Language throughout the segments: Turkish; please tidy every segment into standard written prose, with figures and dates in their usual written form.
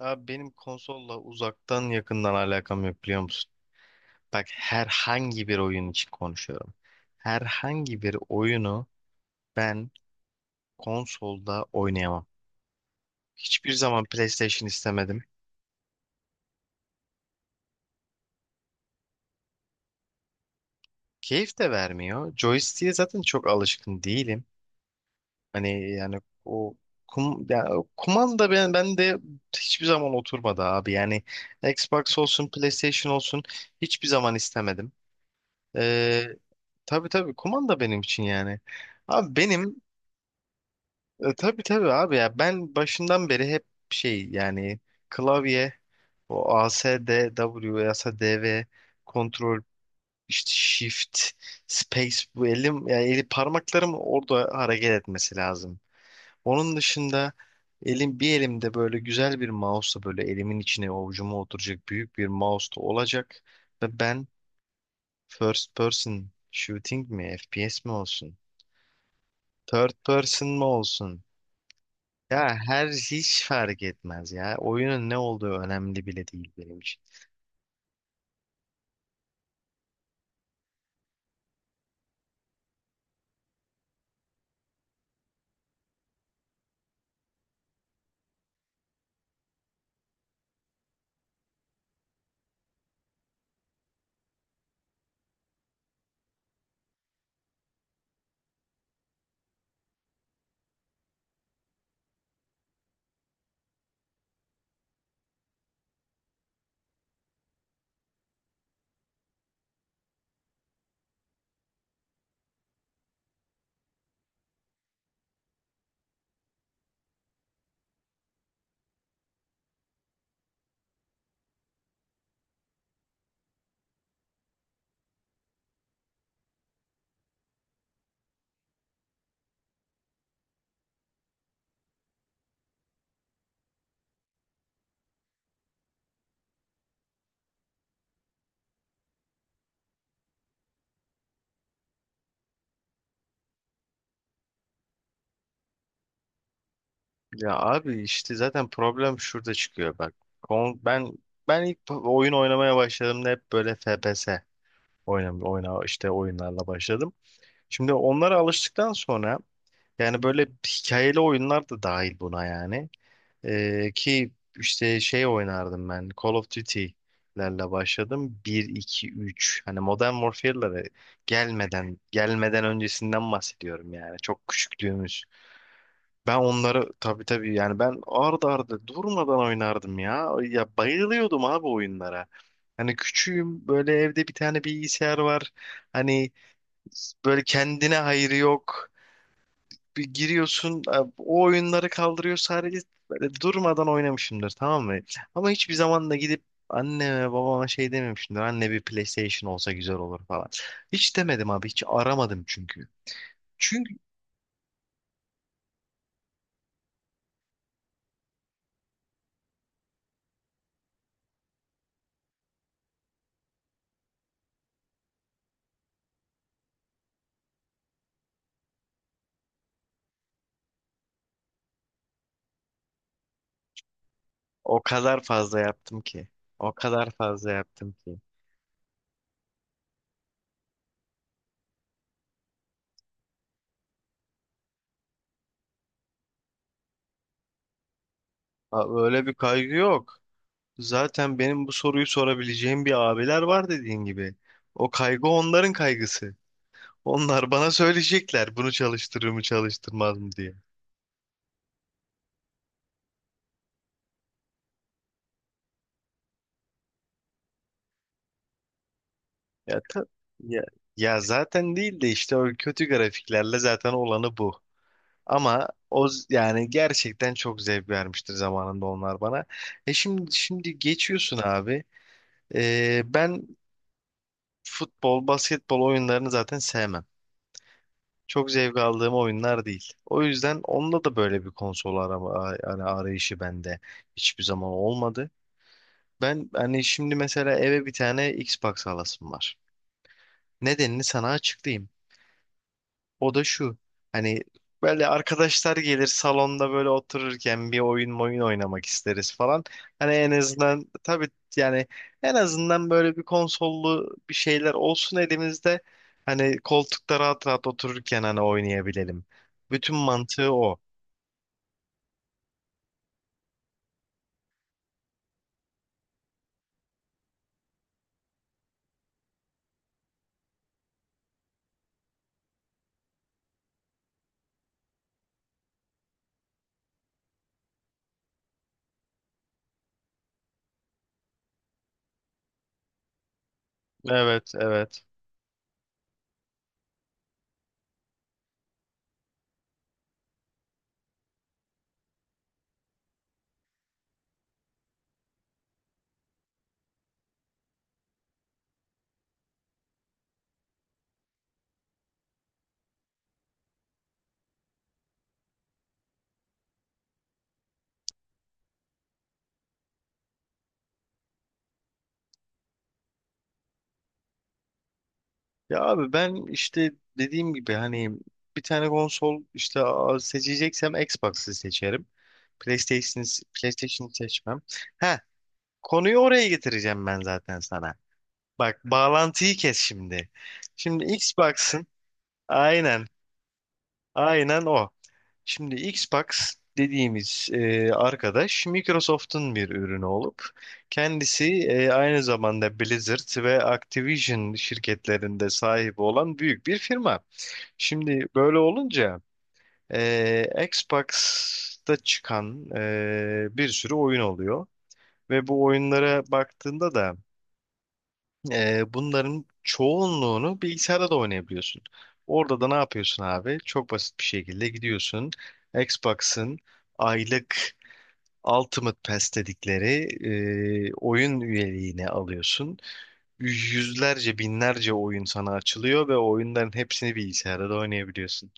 Abi benim konsolla uzaktan yakından alakam yok biliyor musun? Bak herhangi bir oyun için konuşuyorum. Herhangi bir oyunu ben konsolda oynayamam. Hiçbir zaman PlayStation istemedim. Keyif de vermiyor. Joystick'e zaten çok alışkın değilim. Hani yani o kum, ya o kumanda ben de hiçbir zaman oturmadı abi. Yani Xbox olsun PlayStation olsun hiçbir zaman istemedim. Ee, tabii tabii kumanda benim için yani. Abi benim tabii tabii abi ya ben başından beri hep şey yani klavye o A S D W A S D V kontrol işte shift space bu elim yani eli parmaklarım orada hareket etmesi lazım. Onun dışında elim bir elimde böyle güzel bir mouse'la böyle elimin içine avucuma oturacak büyük bir mouse da olacak ve ben First person shooting mi? FPS mi olsun? Third person mı olsun? Ya her hiç fark etmez ya. Oyunun ne olduğu önemli bile değil benim için. Ya abi işte zaten problem şurada çıkıyor bak. Kon- Ben ben ilk oyun oynamaya başladığımda hep böyle FPS oynam oyna işte oyunlarla başladım. Şimdi onlara alıştıktan sonra yani böyle hikayeli oyunlar da dahil buna yani. Ki işte şey oynardım ben. Call of Duty'lerle başladım. Bir, iki, üç. Hani Modern Warfare'lere gelmeden öncesinden bahsediyorum yani. Çok küçüklüğümüz. Ben onları tabii tabii yani ben ardı ardı durmadan oynardım ya. Ya bayılıyordum abi oyunlara. Hani küçüğüm böyle evde bir tane bilgisayar var. Hani böyle kendine hayrı yok bir giriyorsun o oyunları kaldırıyor sadece böyle durmadan oynamışımdır tamam mı? Ama hiçbir zaman da gidip anneme babama şey dememişimdir. Anne bir PlayStation olsa güzel olur falan. Hiç demedim abi hiç aramadım çünkü. Çünkü o kadar fazla yaptım ki. O kadar fazla yaptım ki. Abi öyle bir kaygı yok. Zaten benim bu soruyu sorabileceğim bir abiler var dediğin gibi. O kaygı onların kaygısı. Onlar bana söyleyecekler bunu çalıştırır mı çalıştırmaz mı diye. Ya, ya, ya zaten değil de işte o kötü grafiklerle zaten olanı bu. Ama yani gerçekten çok zevk vermiştir zamanında onlar bana. E şimdi şimdi geçiyorsun abi. Ben futbol, basketbol oyunlarını zaten sevmem. Çok zevk aldığım oyunlar değil. O yüzden onda da böyle bir konsol yani arayışı bende hiçbir zaman olmadı. Ben hani şimdi mesela eve bir tane Xbox alasım var. Nedenini sana açıklayayım. O da şu. Hani böyle arkadaşlar gelir salonda böyle otururken bir oyun oynamak isteriz falan. Hani en azından tabii yani en azından böyle bir konsollu bir şeyler olsun elimizde. Hani koltukta rahat rahat otururken hani oynayabilelim. Bütün mantığı o. Evet, evet. Ya abi ben işte dediğim gibi hani bir tane konsol işte seçeceksem Xbox'ı seçerim. PlayStation'ı PlayStation'ı seçmem. He, konuyu oraya getireceğim ben zaten sana. Bak bağlantıyı kes şimdi. Şimdi Xbox'ın aynen aynen o. Şimdi Xbox dediğimiz arkadaş Microsoft'un bir ürünü olup kendisi aynı zamanda Blizzard ve Activision şirketlerinde sahibi olan büyük bir firma. Şimdi böyle olunca Xbox'ta çıkan bir sürü oyun oluyor ve bu oyunlara baktığında da Bunların çoğunluğunu bilgisayarda da oynayabiliyorsun. Orada da ne yapıyorsun abi? Çok basit bir şekilde gidiyorsun. Xbox'ın aylık Ultimate Pass dedikleri oyun üyeliğini alıyorsun. Yüzlerce, binlerce oyun sana açılıyor ve oyunların hepsini bilgisayarda da oynayabiliyorsun.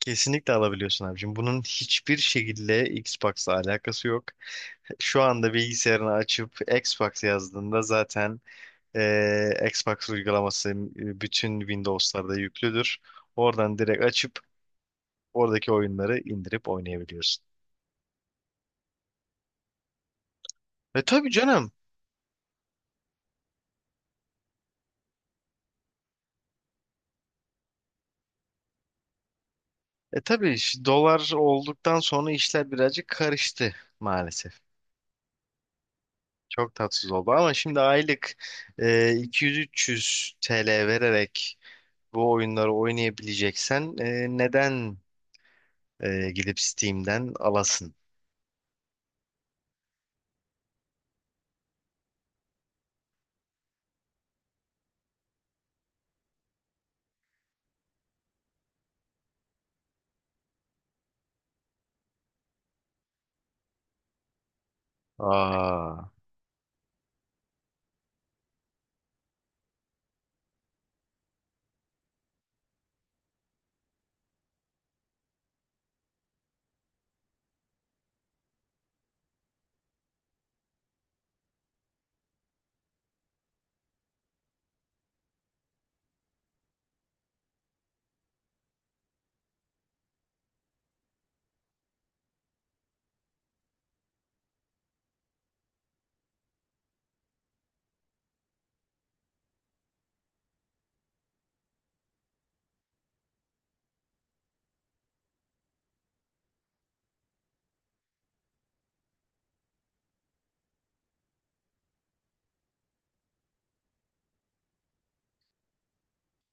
Kesinlikle alabiliyorsun abicim. Bunun hiçbir şekilde Xbox'la alakası yok. Şu anda bilgisayarını açıp Xbox yazdığında zaten Xbox uygulaması bütün Windows'larda yüklüdür. Oradan direkt açıp oradaki oyunları indirip oynayabiliyorsun. E tabii canım. E tabii dolar olduktan sonra işler birazcık karıştı maalesef. Çok tatsız oldu ama şimdi aylık e, 200-300 TL vererek bu oyunları oynayabileceksen neden gidip Steam'den alasın? Aa.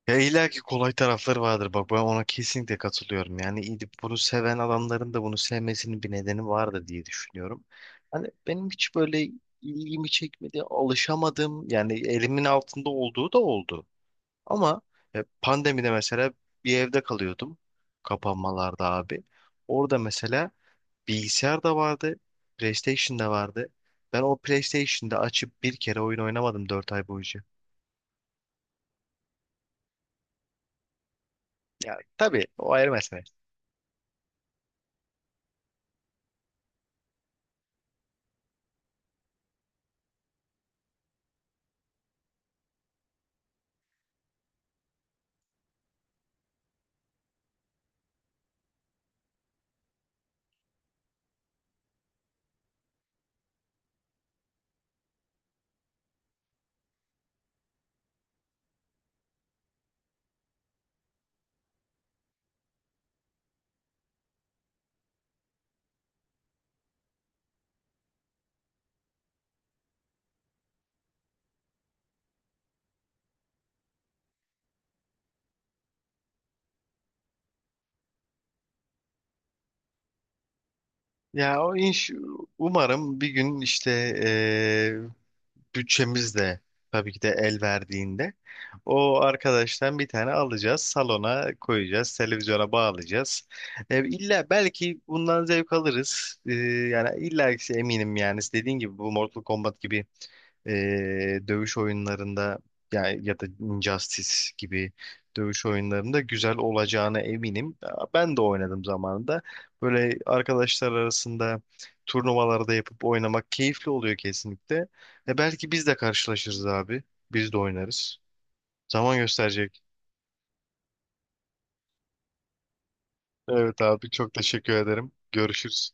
Ya illa ki kolay tarafları vardır bak ben ona kesinlikle katılıyorum. Yani gidip bunu seven adamların da bunu sevmesinin bir nedeni vardır diye düşünüyorum. Hani benim hiç böyle ilgimi çekmedi, alışamadım. Yani elimin altında olduğu da oldu. Ama pandemide mesela bir evde kalıyordum kapanmalarda abi. Orada mesela bilgisayar da vardı, PlayStation da vardı. Ben o PlayStation'da açıp bir kere oyun oynamadım 4 ay boyunca. Ya tabii o ayrı mesele. Ya o umarım bir gün işte bütçemiz de tabii ki de el verdiğinde o arkadaştan bir tane alacağız, salona koyacağız, televizyona bağlayacağız. E, illa belki bundan zevk alırız. Yani illa ki eminim yani dediğin gibi bu Mortal Kombat gibi e, dövüş oyunlarında yani ya da Injustice gibi dövüş oyunlarında güzel olacağına eminim. Ben de oynadım zamanında. Böyle arkadaşlar arasında turnuvalarda yapıp oynamak keyifli oluyor kesinlikle. E belki biz de karşılaşırız abi. Biz de oynarız. Zaman gösterecek. Evet abi çok teşekkür ederim. Görüşürüz.